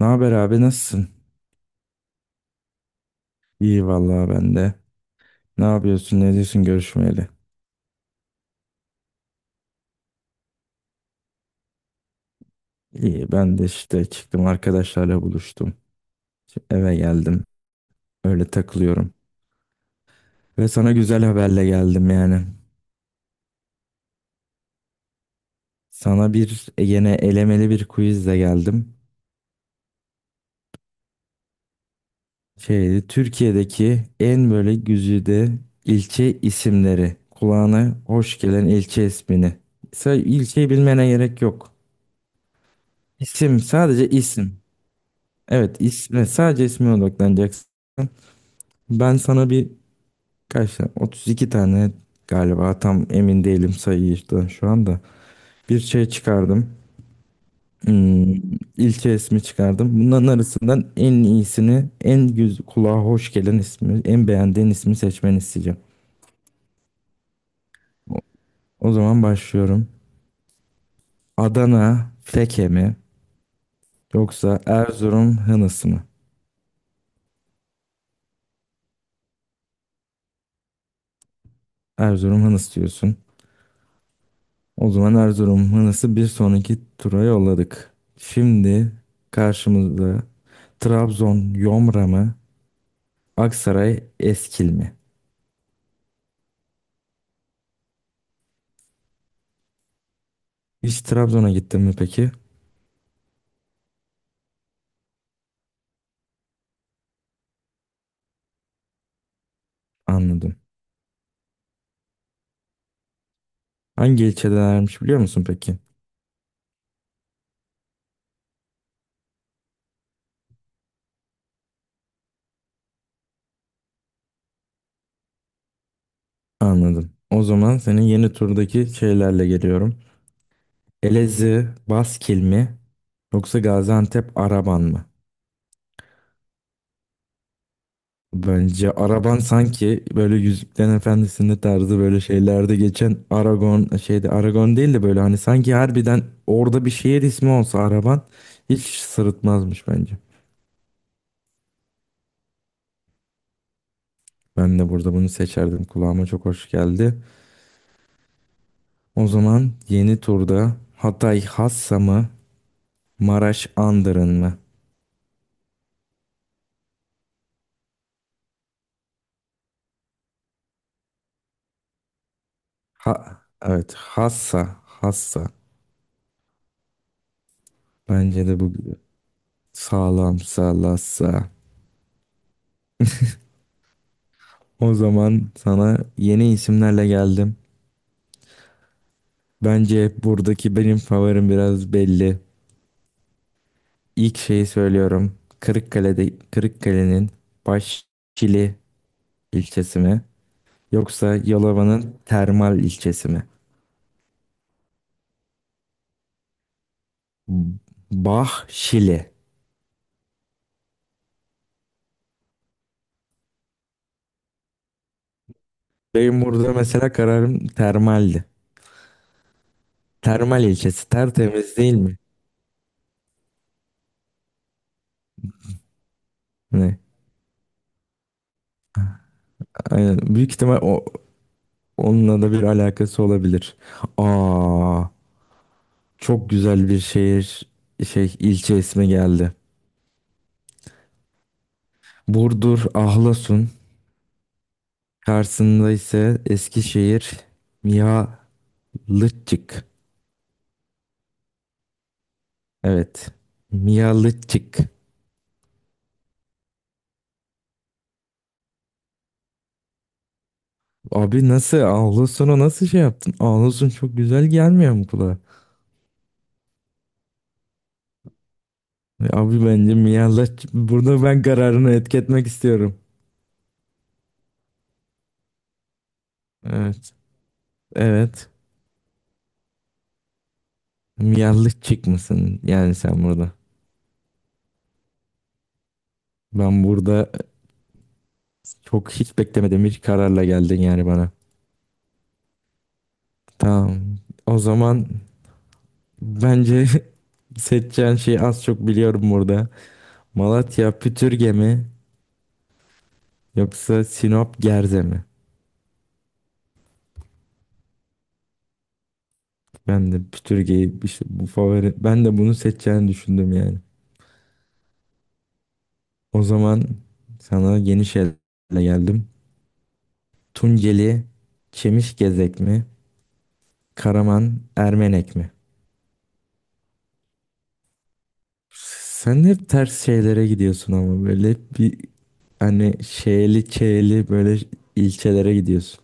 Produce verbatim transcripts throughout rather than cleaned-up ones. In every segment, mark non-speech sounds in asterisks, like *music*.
Ne haber abi, nasılsın? İyi vallahi, ben de. Ne yapıyorsun, ne diyorsun görüşmeyeli? İyi, ben de işte, çıktım arkadaşlarla buluştum. Şimdi eve geldim, öyle takılıyorum. Ve sana güzel haberle geldim yani. Sana bir e, yine elemeli bir quizle geldim. Şeydi, Türkiye'deki en böyle güzide ilçe isimleri. Kulağına hoş gelen ilçe ismini. Sa- İlçeyi bilmene gerek yok. İsim, sadece isim. Evet, isme, sadece isme odaklanacaksın. Ben sana bir kaç tane, otuz iki tane galiba, tam emin değilim sayıydan şu anda. Bir şey çıkardım. Hmm, ilçe ismi çıkardım. Bunların arasından en iyisini, en güz kulağa hoş gelen ismi, en beğendiğin ismi seçmeni isteyeceğim. O o zaman başlıyorum. Adana Feke mi yoksa Erzurum Hınıs mı? Erzurum Hınıs diyorsun. O zaman Erzurum Hınıs'ı bir sonraki tura yolladık. Şimdi karşımızda Trabzon Yomra mı? Aksaray Eskil mi? Hiç Trabzon'a gittin mi peki? Anladım. Hangi ilçedelermiş biliyor musun peki? Anladım. O zaman senin yeni turdaki şeylerle geliyorum. Elazığ Baskil mi? Yoksa Gaziantep Araban mı? Bence araban sanki böyle Yüzüklerin Efendisi'nde tarzı böyle şeylerde geçen Aragon, şeyde Aragon değil de, böyle hani sanki harbiden orada bir şehir ismi olsa araban hiç sırıtmazmış bence. Ben de burada bunu seçerdim. Kulağıma çok hoş geldi. O zaman yeni turda Hatay Hassa mı, Maraş Andırın mı? Ha, evet, Hassa Hassa. Bence de bu sağlam, sağlassa. O zaman sana yeni isimlerle geldim. Bence buradaki benim favorim biraz belli. İlk şeyi söylüyorum. Kırıkkale'de Kırıkkale'nin Başçili ilçesi mi? Yoksa Yalova'nın Termal ilçesi mi? Bahşili. Benim burada mesela kararım Termal'di. Termal ilçesi tertemiz değil mi? Ne? Aynen. Büyük ihtimal o, onunla da bir alakası olabilir. Aa, çok güzel bir şehir, şey, ilçe ismi geldi. Burdur Ahlasun. Karşısında ise Eskişehir Mihalıççık. Evet. Mihalıççık. Abi nasıl? Ağlusunu nasıl şey yaptın? Ağlusun çok güzel gelmiyor mu kulağa? Abi bence Mihalıççık. Burada ben kararını etketmek istiyorum. Evet. Evet. Mihalıççık mısın? Yani sen burada. Ben burada çok hiç beklemediğim bir kararla geldin yani bana. Tamam. O zaman bence *laughs* seçeceğin şeyi az çok biliyorum burada. Malatya Pütürge mi yoksa Sinop Gerze mi? Ben de Pütürge'yi, işte bu favori, ben de bunu seçeceğini düşündüm yani. O zaman sana yeni şeyle geldim. Tunceli Çemişgezek mi? Karaman Ermenek mi? Sen hep ters şeylere gidiyorsun ama böyle bir hani şeyli çeyli böyle ilçelere gidiyorsun.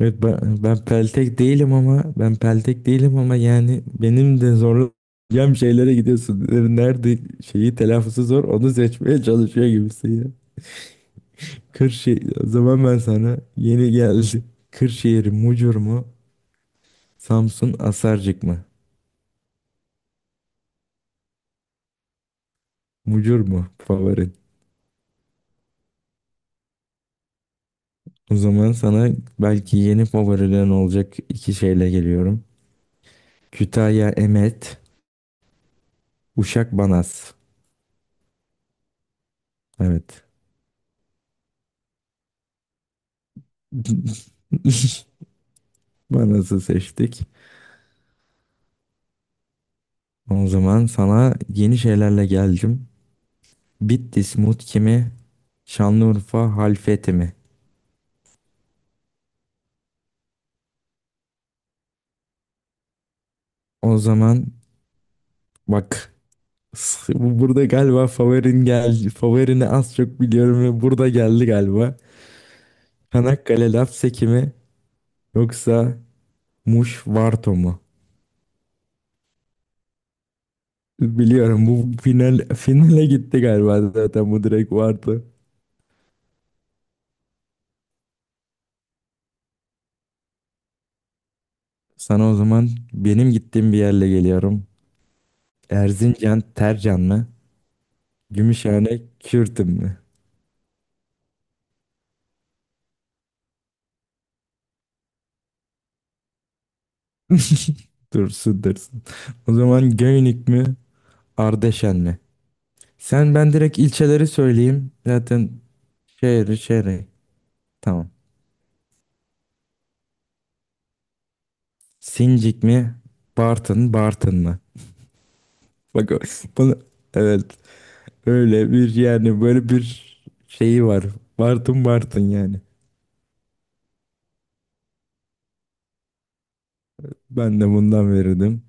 Evet ben, ben peltek değilim ama ben peltek değilim ama yani benim de zorlayacağım şeylere gidiyorsun. Nerede şeyi telaffuzu zor onu seçmeye çalışıyor gibisin ya. Kırşehir, o zaman ben sana yeni geldi. Kırşehir Mucur mu? Samsun Asarcık mı? Mucur mu favorin? O zaman sana belki yeni favorilerin olacak iki şeyle geliyorum. Kütahya Emet, Uşak Banas. Evet. *laughs* Banas'ı seçtik. O zaman sana yeni şeylerle geldim. Bitlis Mutki mi? Şanlıurfa Halfeti mi? O zaman bak, s- burada galiba favorin geldi. Favorini az çok biliyorum ve burada geldi galiba. Çanakkale Lapseki mi? Yoksa Muş Varto mu? Biliyorum, bu final finale gitti galiba zaten, bu direkt vardı. Sana o zaman benim gittiğim bir yerle geliyorum. Erzincan Tercan mı? Gümüşhane Kürtün mü? Dursun dursun. O zaman Göynük mü Ardeşen mi? Sen, ben direkt ilçeleri söyleyeyim zaten. Şehri şehri. Tamam. Sincik mi Bartın Bartın mı? Bak, o- bunu, evet, öyle bir yani böyle bir şeyi var. Bartın Bartın yani. Ben de bundan verirdim.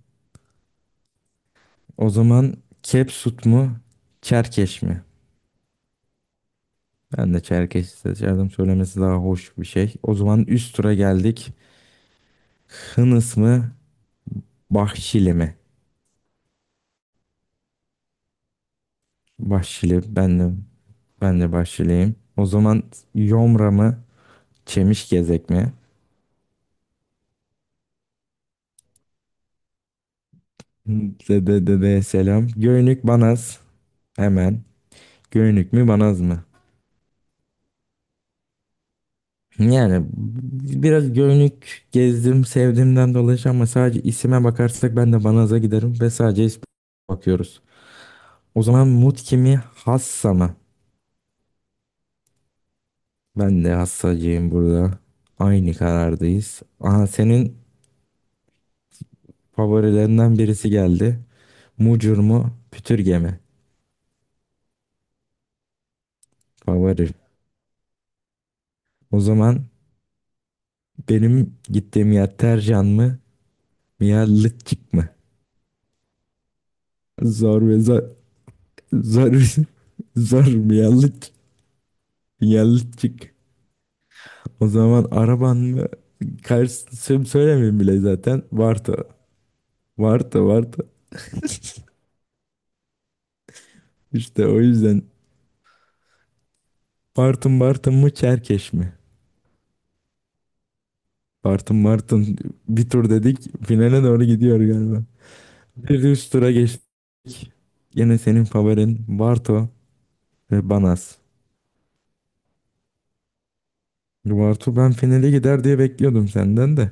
O zaman Kepsut mu Çerkeş mi? Ben de Çerkeş seçerdim. Söylemesi daha hoş bir şey. O zaman üst tura geldik. Hınıs mı? Bahşili mi? Bahşili. Ben de, ben de Bahşiliyim. O zaman Yomra mı? Çemişgezek mi? Dede dede selam. Göynük Banaz. Hemen. Göynük mü Banaz mı? Yani biraz Göynük gezdim sevdiğimden dolayı ama sadece isime bakarsak ben de Banaz'a giderim ve sadece isme bakıyoruz. O zaman Mutki mi Hassa mı? Ben de Hassacıyım burada. Aynı karardayız. Aha, senin favorilerinden birisi geldi. Mucur mu? Pütürge mi? Favori. O zaman benim gittiğim yer Tercan mı? Miyallıkçık mı? Zor ve zor. Zor ve- *laughs* zor. Miyallık. Miyallıkçık. O zaman araban mı? Karşısını söylemeyeyim bile zaten. Varto. Varto. Varto. *laughs* İşte o yüzden. Bartın Bartın mı? Çerkeş mi? Bartın Bartın. Bir tur dedik. Finale doğru gidiyor galiba. Bir de üst tura geçtik. Yine senin favorin Barto ve Banas. Bartu ben finale gider diye bekliyordum senden de.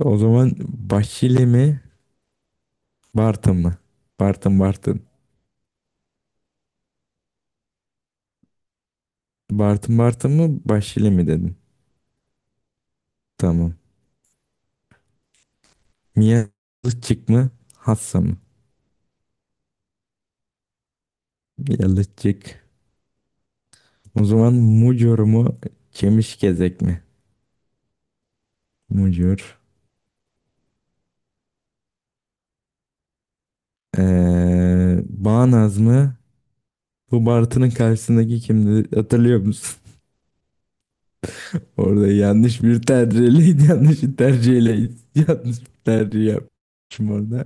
O zaman Başili mi Bartın mı? Bartın Bartın. Bartın Bartın mı Başili mi dedin? Tamam. Mia Yalıççık mı Hassa mı? Yalıççık. O zaman Mucur mu Çemişgezek mi? Mucur. Ee, Bağnaz mı? Bu Bartı'nın karşısındaki kimdi, hatırlıyor musun? Orada yanlış bir tercihle, *laughs* yanlış bir tercihle, yanlış bir tercih yapmışım orada.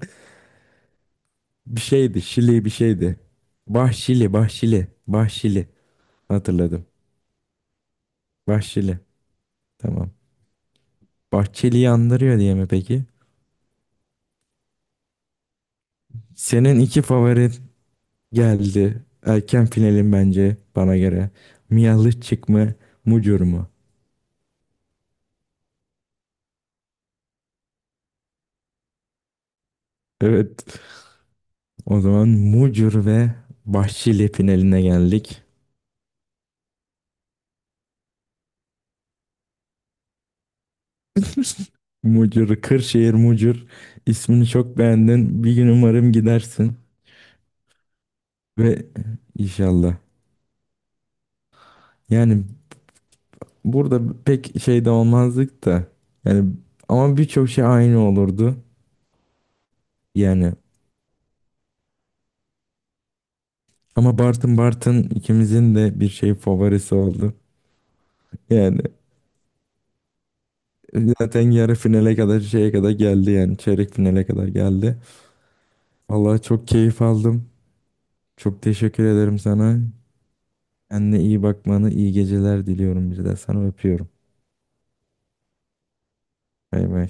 Bir şeydi, Şili bir şeydi. Bahşili, Bahşili, Bahşili. Hatırladım. Bahşili. Tamam. Bahçeli'yi andırıyor diye mi peki? Senin iki favorin geldi. Erken finalin bence, bana göre. Miyalıçık mı, Mucur mu? Evet. O zaman Mucur ve Bahşili finaline geldik. Mucur, Kırşehir Mucur. İsmini çok beğendin. Bir gün umarım gidersin ve inşallah. Yani burada pek şey de olmazdık da. Yani ama birçok şey aynı olurdu. Yani ama Bartın Bartın ikimizin de bir şey favorisi oldu. Yani zaten yarı finale kadar, şeye kadar geldi yani, çeyrek finale kadar geldi. Vallahi çok keyif aldım. Çok teşekkür ederim sana. Kendine iyi bakmanı, iyi geceler diliyorum bir de sana, öpüyorum. Bay bay.